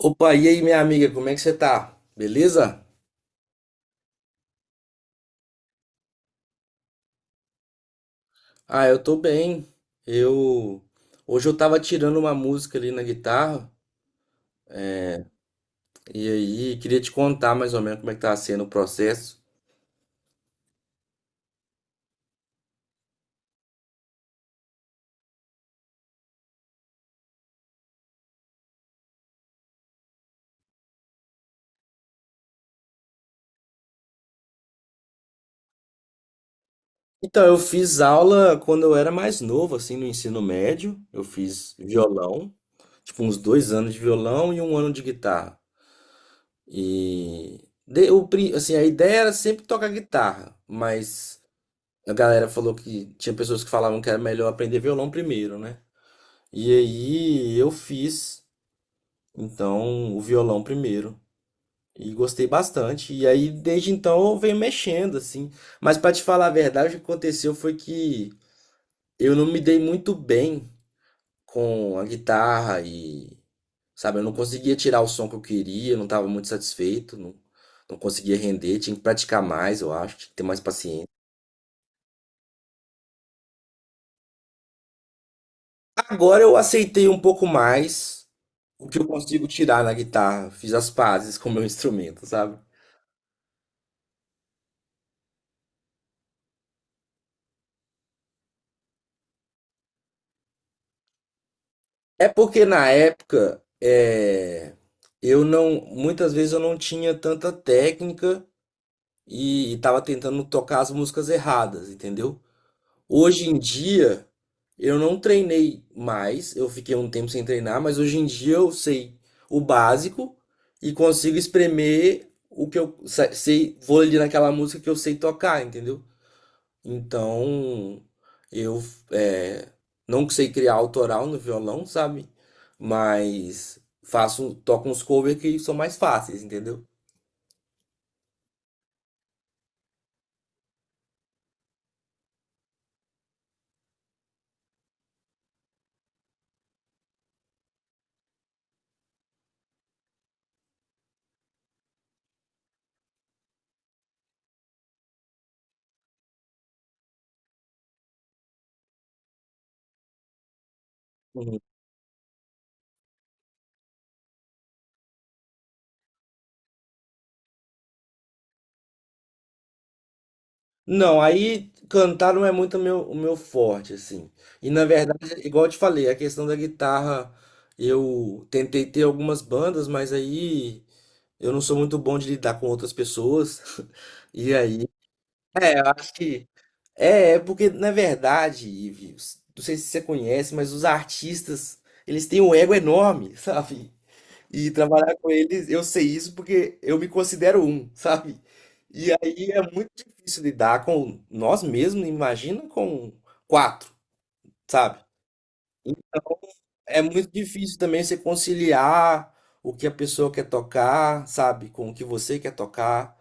Opa, e aí, minha amiga, como é que você tá? Beleza? Ah, eu tô bem. Eu Hoje eu tava tirando uma música ali na guitarra e aí queria te contar mais ou menos como é que tá sendo o processo. Então, eu fiz aula quando eu era mais novo, assim, no ensino médio. Eu fiz violão, tipo uns 2 anos de violão e 1 ano de guitarra. E assim, a ideia era sempre tocar guitarra, mas a galera falou que tinha pessoas que falavam que era melhor aprender violão primeiro, né? E aí eu fiz, então, o violão primeiro. E gostei bastante. E aí, desde então, eu venho mexendo, assim. Mas pra te falar a verdade, o que aconteceu foi que eu não me dei muito bem com a guitarra e, sabe, eu não conseguia tirar o som que eu queria, eu não tava muito satisfeito, não, não conseguia render, tinha que praticar mais, eu acho, tinha que ter mais paciência. Agora eu aceitei um pouco mais o que eu consigo tirar na guitarra, fiz as pazes com o meu instrumento, sabe? É porque na época eu não, muitas vezes eu não tinha tanta técnica e estava tentando tocar as músicas erradas, entendeu? Hoje em dia eu não treinei mais, eu fiquei um tempo sem treinar, mas hoje em dia eu sei o básico e consigo espremer o que eu sei, vou ali naquela música que eu sei tocar, entendeu? Então, eu é, não sei criar autoral no violão, sabe? Mas faço, toco uns covers que são mais fáceis, entendeu? Uhum. Não, aí cantar não é muito meu, o meu forte, assim. E na verdade, igual eu te falei, a questão da guitarra, eu tentei ter algumas bandas, mas aí eu não sou muito bom de lidar com outras pessoas. E aí, eu acho que é porque na verdade, Ivi, não sei se você conhece, mas os artistas, eles têm um ego enorme, sabe? E trabalhar com eles, eu sei isso porque eu me considero um, sabe? E aí é muito difícil lidar com nós mesmos, imagina com quatro, sabe? É muito difícil também você conciliar o que a pessoa quer tocar, sabe, com o que você quer tocar.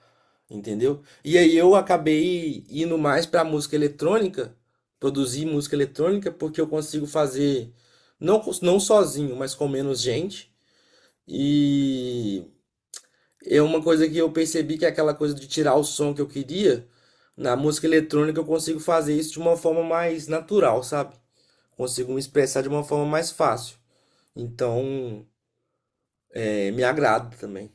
Entendeu? E aí eu acabei indo mais pra música eletrônica, produzir música eletrônica, porque eu consigo fazer não, não sozinho, mas com menos gente. E é uma coisa que eu percebi que é aquela coisa de tirar o som que eu queria. Na música eletrônica eu consigo fazer isso de uma forma mais natural, sabe? Consigo me expressar de uma forma mais fácil. Então, é, me agrada também.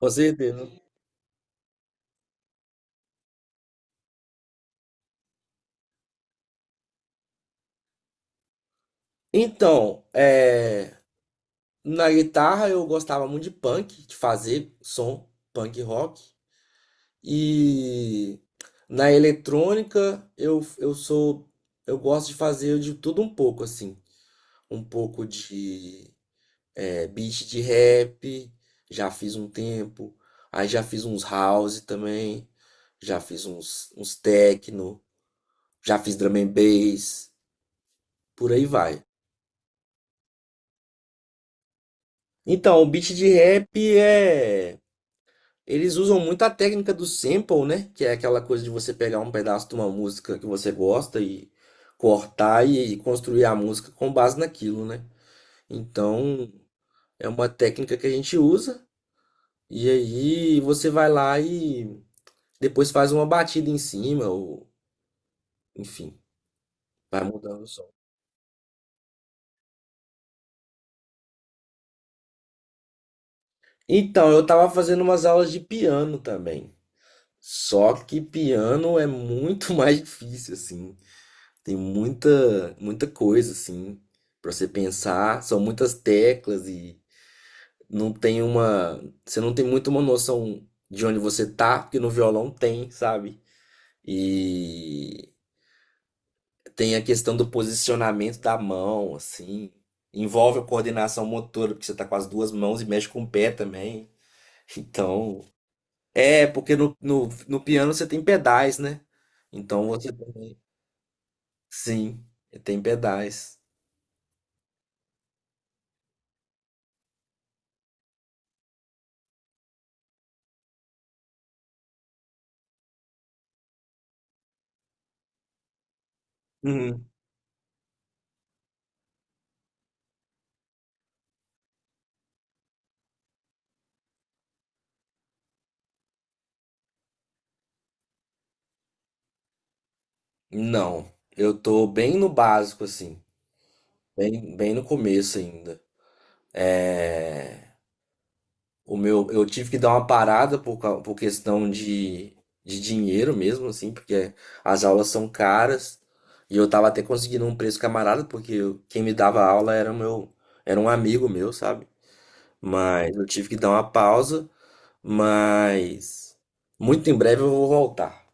Com certeza. Então, é. Na guitarra eu gostava muito de punk, de fazer som punk rock. E na eletrônica eu gosto de fazer de tudo um pouco assim, um pouco de beat de rap, já fiz um tempo, aí já fiz uns house também, já fiz uns techno, já fiz drum and bass, por aí vai. Então, o beat de rap é. Eles usam muito a técnica do sample, né? Que é aquela coisa de você pegar um pedaço de uma música que você gosta e cortar e construir a música com base naquilo, né? Então, é uma técnica que a gente usa e aí você vai lá e depois faz uma batida em cima ou enfim, vai mudando o som. Então, eu tava fazendo umas aulas de piano também. Só que piano é muito mais difícil assim. Tem muita, muita coisa assim para você pensar, são muitas teclas e não tem uma, você não tem muito uma noção de onde você tá, porque no violão tem, sabe? E tem a questão do posicionamento da mão, assim, envolve a coordenação motora, porque você tá com as duas mãos e mexe com o pé também. Então, é porque no piano você tem pedais, né? Então você também, sim, tem pedais. Não, eu tô bem no básico, assim, bem, bem no começo ainda. É, eu tive que dar uma parada por questão de dinheiro mesmo, assim, porque as aulas são caras e eu tava até conseguindo um preço camarada, porque quem me dava aula era era um amigo meu, sabe? Mas eu tive que dar uma pausa, mas muito em breve eu vou voltar.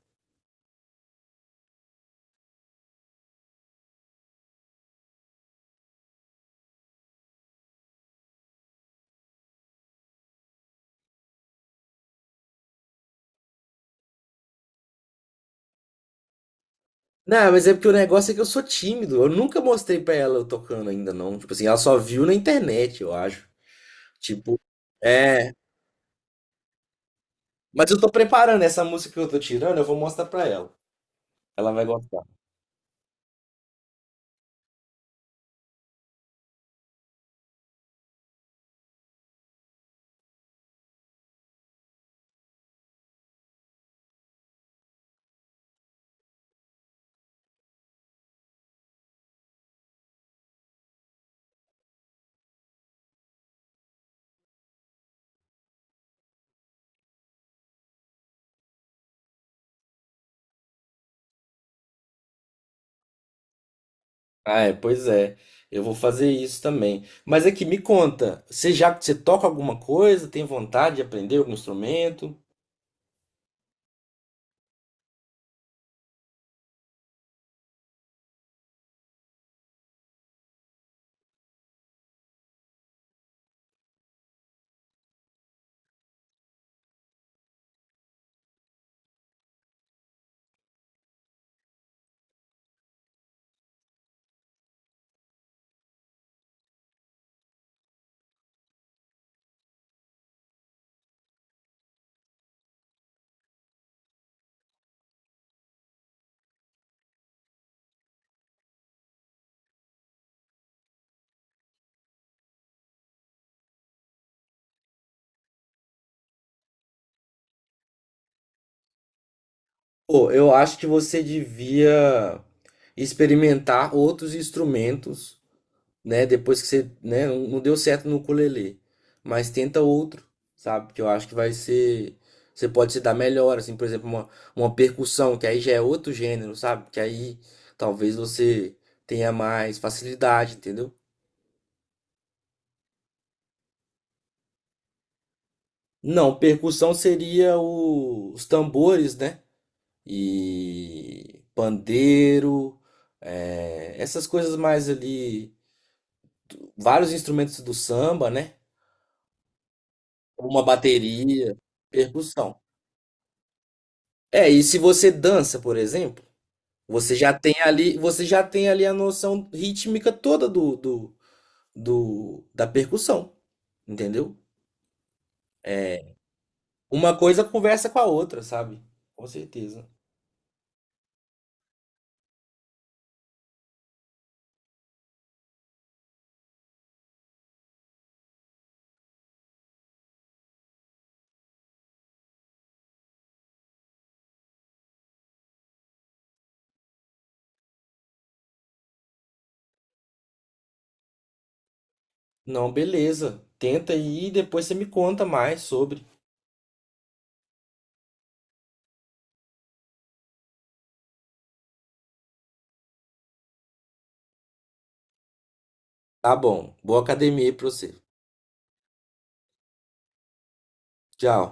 Não, mas é porque o negócio é que eu sou tímido. Eu nunca mostrei pra ela eu tocando ainda, não. Tipo assim, ela só viu na internet, eu acho. Tipo, é. Mas eu tô preparando essa música que eu tô tirando, eu vou mostrar pra ela. Ela vai gostar. Ah, é, pois é. Eu vou fazer isso também. Mas aqui, me conta, você toca alguma coisa? Tem vontade de aprender algum instrumento? Pô, eu acho que você devia experimentar outros instrumentos. Né? Depois que você, né, não deu certo no ukulele, mas tenta outro, sabe? Que eu acho que vai ser, você pode se dar melhor, assim, por exemplo, uma percussão, que aí já é outro gênero, sabe? Que aí talvez você tenha mais facilidade, entendeu? Não, percussão seria os tambores, né? E pandeiro, é, essas coisas mais ali, vários instrumentos do samba, né? Uma bateria, percussão. É, e se você dança, por exemplo, você já tem ali, você já tem ali a noção rítmica toda da percussão, entendeu? Uma coisa conversa com a outra, sabe? Com certeza. Não, beleza. Tenta aí e depois você me conta mais sobre. Tá bom. Boa academia aí pra você. Tchau.